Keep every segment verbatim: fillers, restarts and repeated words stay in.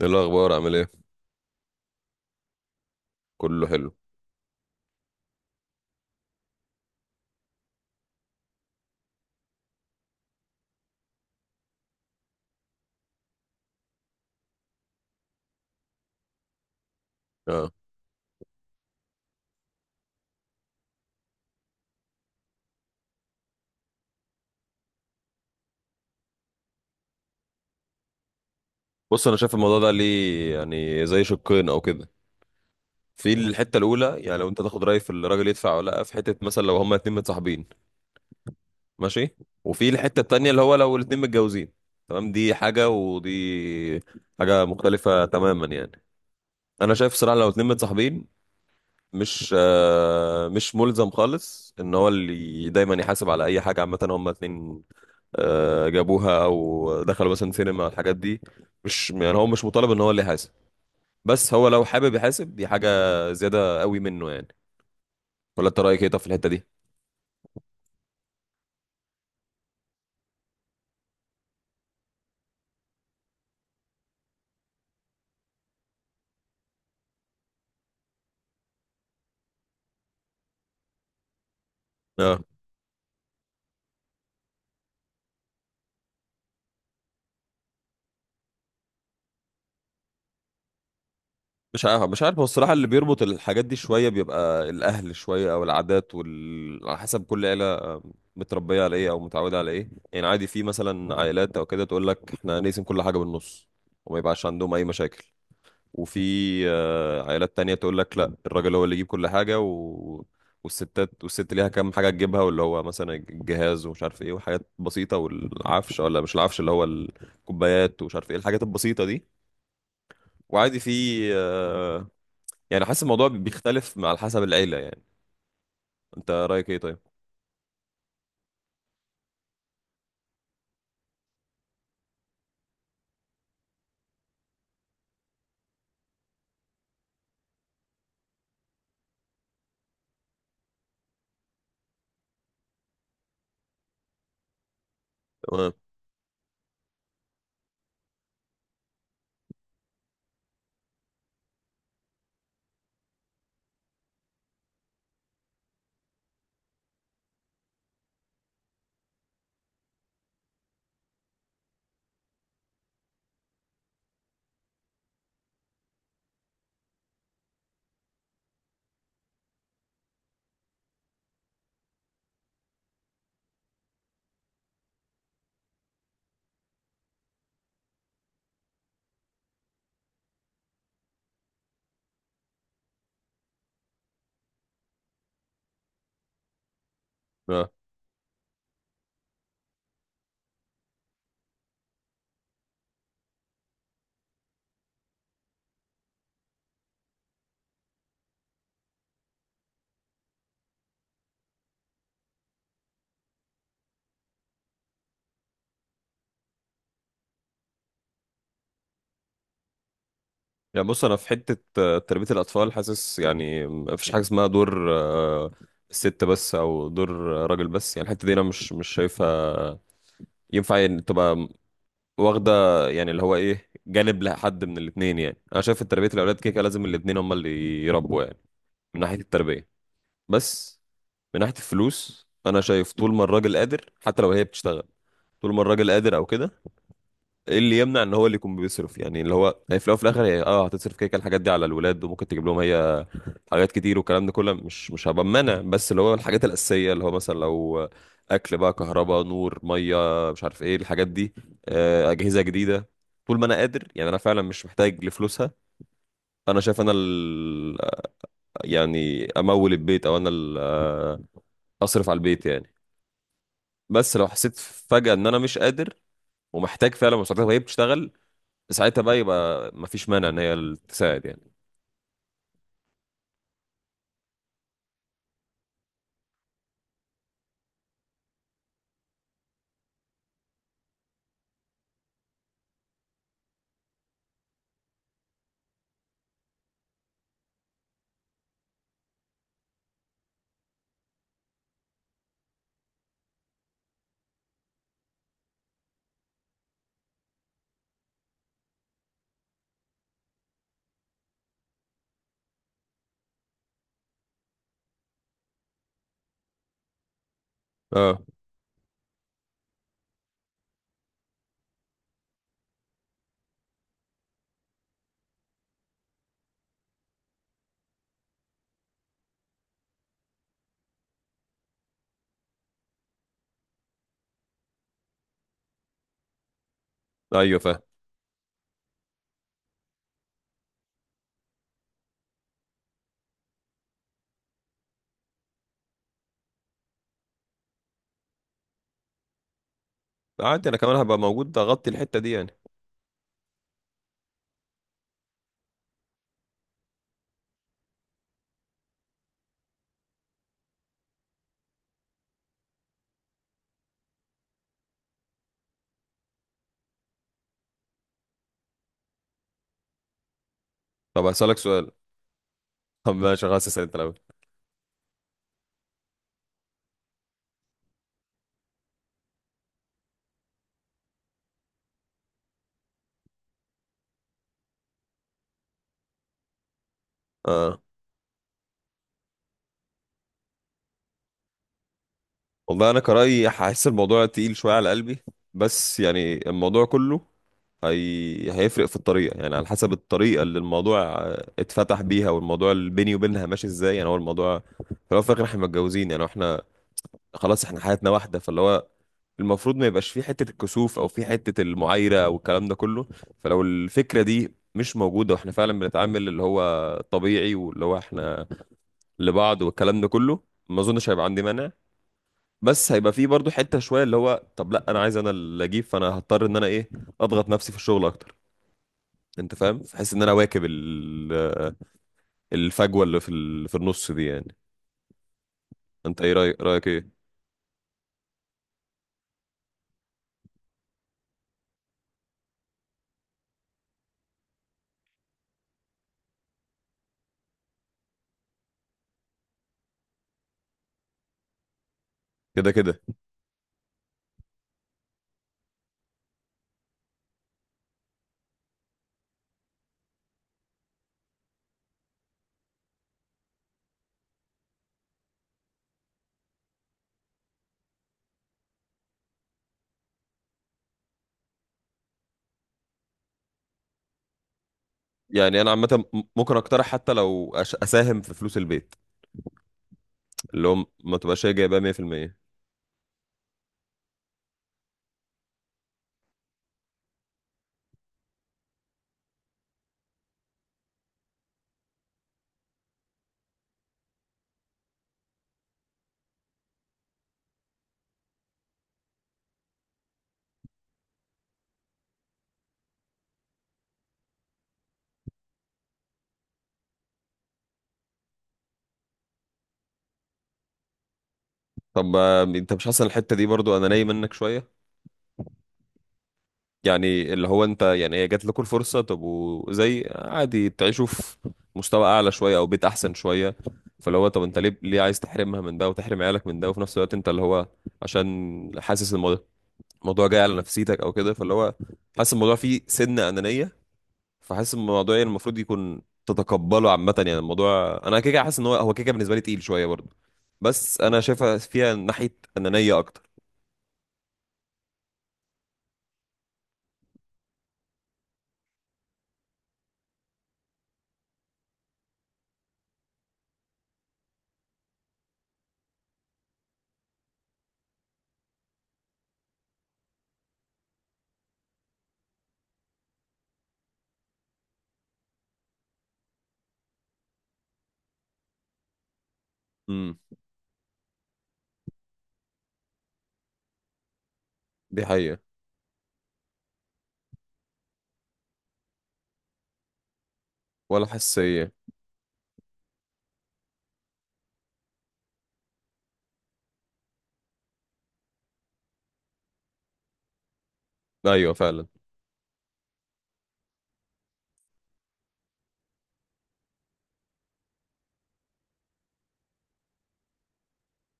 ايه الاخبار عامل ايه؟ كله حلو. اه بص، انا شايف الموضوع ده ليه يعني زي شقين او كده. في الحته الاولى يعني لو انت تاخد راي في الراجل يدفع ولا لا، في حته مثلا لو هما اتنين متصاحبين ماشي، وفي الحته التانيه اللي هو لو الاتنين متجوزين تمام، دي حاجه ودي حاجه مختلفه تماما يعني. انا شايف صراحه لو اتنين متصاحبين مش آه مش ملزم خالص ان هو اللي دايما يحاسب على اي حاجه، عامه هما اتنين آه، جابوها او دخلوا مثلا سينما الحاجات دي، مش يعني هو مش مطالب ان هو اللي يحاسب، بس هو لو حابب يحاسب دي حاجه زياده قوي منه يعني. ولا انت رايك ايه طب في الحته دي؟ اه مش عارف، مش عارف هو الصراحه اللي بيربط الحاجات دي شويه بيبقى الاهل، شويه او العادات وال، على حسب كل عيله متربيه على ايه او متعوده على ايه يعني. عادي في مثلا عائلات او كده تقول لك احنا نقسم كل حاجه بالنص وما يبقاش عندهم اي مشاكل، وفي آه، عائلات تانية تقول لك لا الراجل هو اللي يجيب كل حاجة و... والستات، والست ليها كام حاجة تجيبها، واللي هو مثلا الجهاز ومش عارف ايه وحاجات بسيطة، والعفش ولا مش العفش، اللي هو الكوبايات ومش عارف ايه الحاجات البسيطة دي. وعادي في آه، يعني حاسس الموضوع بيختلف مع على حسب العيلة يعني. انت رأيك ايه طيب؟ تمام. آه. يعني بص انا في حتة آه، تربية الأطفال، حاسس يعني مفيش حاجة اسمها دور آه، الست بس او دور آه، راجل بس، يعني الحتة دي انا مش مش شايفها ينفع يعني تبقى واخده يعني اللي هو ايه جانب لحد من الاثنين. يعني انا شايف ان تربيه الاولاد كده كده لازم الاثنين هم اللي يربوا يعني، من ناحيه التربيه. بس من ناحيه الفلوس انا شايف طول ما الراجل قادر حتى لو هي بتشتغل، طول ما الراجل قادر او كده ايه اللي يمنع ان هو اللي يكون بيصرف؟ يعني اللي هو هي في الاول وفي الاخر هي اه هتصرف كده كده الحاجات دي على الولاد، وممكن تجيب لهم هي حاجات كتير والكلام ده كله، مش مش هبقى منع، بس اللي هو الحاجات الأساسية اللي هو مثلا لو أكل بقى، كهرباء، نور، مية، مش عارف إيه الحاجات دي، آه، أجهزة جديدة. طول ما أنا قادر يعني أنا فعلا مش محتاج لفلوسها، أنا شايف أنا ال... يعني أمول البيت، أو أنا ال... آه، أصرف على البيت يعني. بس لو حسيت فجأة إن أنا مش قادر ومحتاج فعلا مساعدتها وهي بتشتغل، ساعتها بقى يبقى مفيش مانع إن هي تساعد يعني. أه. أيوه فاهم. عادي أنا كمان هبقى موجود أغطي الحتة دي يعني. طب هسألك سؤال. طب ماشي خلاص، اسال انت الاول. اه والله انا كرأيي هحس الموضوع تقيل شويه على قلبي، بس يعني الموضوع كله هي... هيفرق في الطريقه يعني، على حسب الطريقه اللي الموضوع آه، اتفتح بيها، والموضوع اللي بيني وبينها ماشي ازاي. يعني هو الموضوع في الاول وفي الاخر احنا متجوزين يعني، احنا خلاص احنا حياتنا واحده، فاللي هو المفروض ما يبقاش في حته الكسوف او في حته المعايره او الكلام ده كله. فلو الفكره دي مش موجوده واحنا فعلا بنتعامل اللي هو طبيعي واللي هو احنا لبعض والكلام ده كله، ما اظنش هيبقى عندي مانع. بس هيبقى فيه برضو حتة شوية اللي هو طب لا انا عايز انا اللي اجيب، فانا هضطر ان انا ايه اضغط نفسي في الشغل اكتر، انت فاهم؟ بحيث ان انا اواكب ال- الفجوة اللي في ال- في النص دي يعني. انت ايه رأيك؟ رأيك ايه كده كده. يعني انا عامة م- ممكن اقترح حتى لو أش- اساهم في فلوس البيت، اللي هو ما تبقاش هي جايبها مية في المية. طب آه، انت مش حاسس إن الحتة دي برضو انا نايم منك شوية؟ يعني اللي هو انت، يعني هي جات لكم الفرصه، طب وزي عادي تعيشوا في مستوى اعلى شويه او بيت احسن شويه، فاللي هو طب انت ليه ليه عايز تحرمها من ده وتحرم عيالك من ده، وفي نفس الوقت انت اللي هو عشان حاسس الموضوع، الموضوع جاي على نفسيتك او كده، فاللي هو حاسس الموضوع فيه سن انانيه، فحاسس الموضوع يعني المفروض يكون تتقبله عامه يعني، الموضوع انا كده كده حاسس ان هو هو كده كده بالنسبه لي تقيل شويه برضه، بس انا شايفها فيها ناحيه انانيه اكتر. امم دي حقيقه. ولا حساسيه. ايوه فعلا.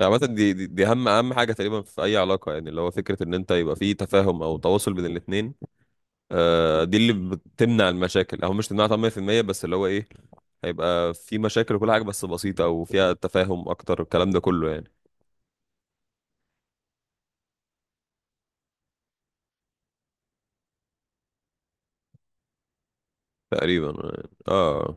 عامة دي, دي دي أهم أهم حاجة تقريبا في أي علاقة يعني، اللي هو فكرة إن أنت يبقى في تفاهم أو تواصل بين الاتنين. آه دي اللي بتمنع المشاكل أو مش تمنعها مية في المية، بس اللي هو إيه، هيبقى في مشاكل وكل حاجة بس بسيطة أو فيها تفاهم أكتر الكلام ده كله يعني. تقريبا. آه.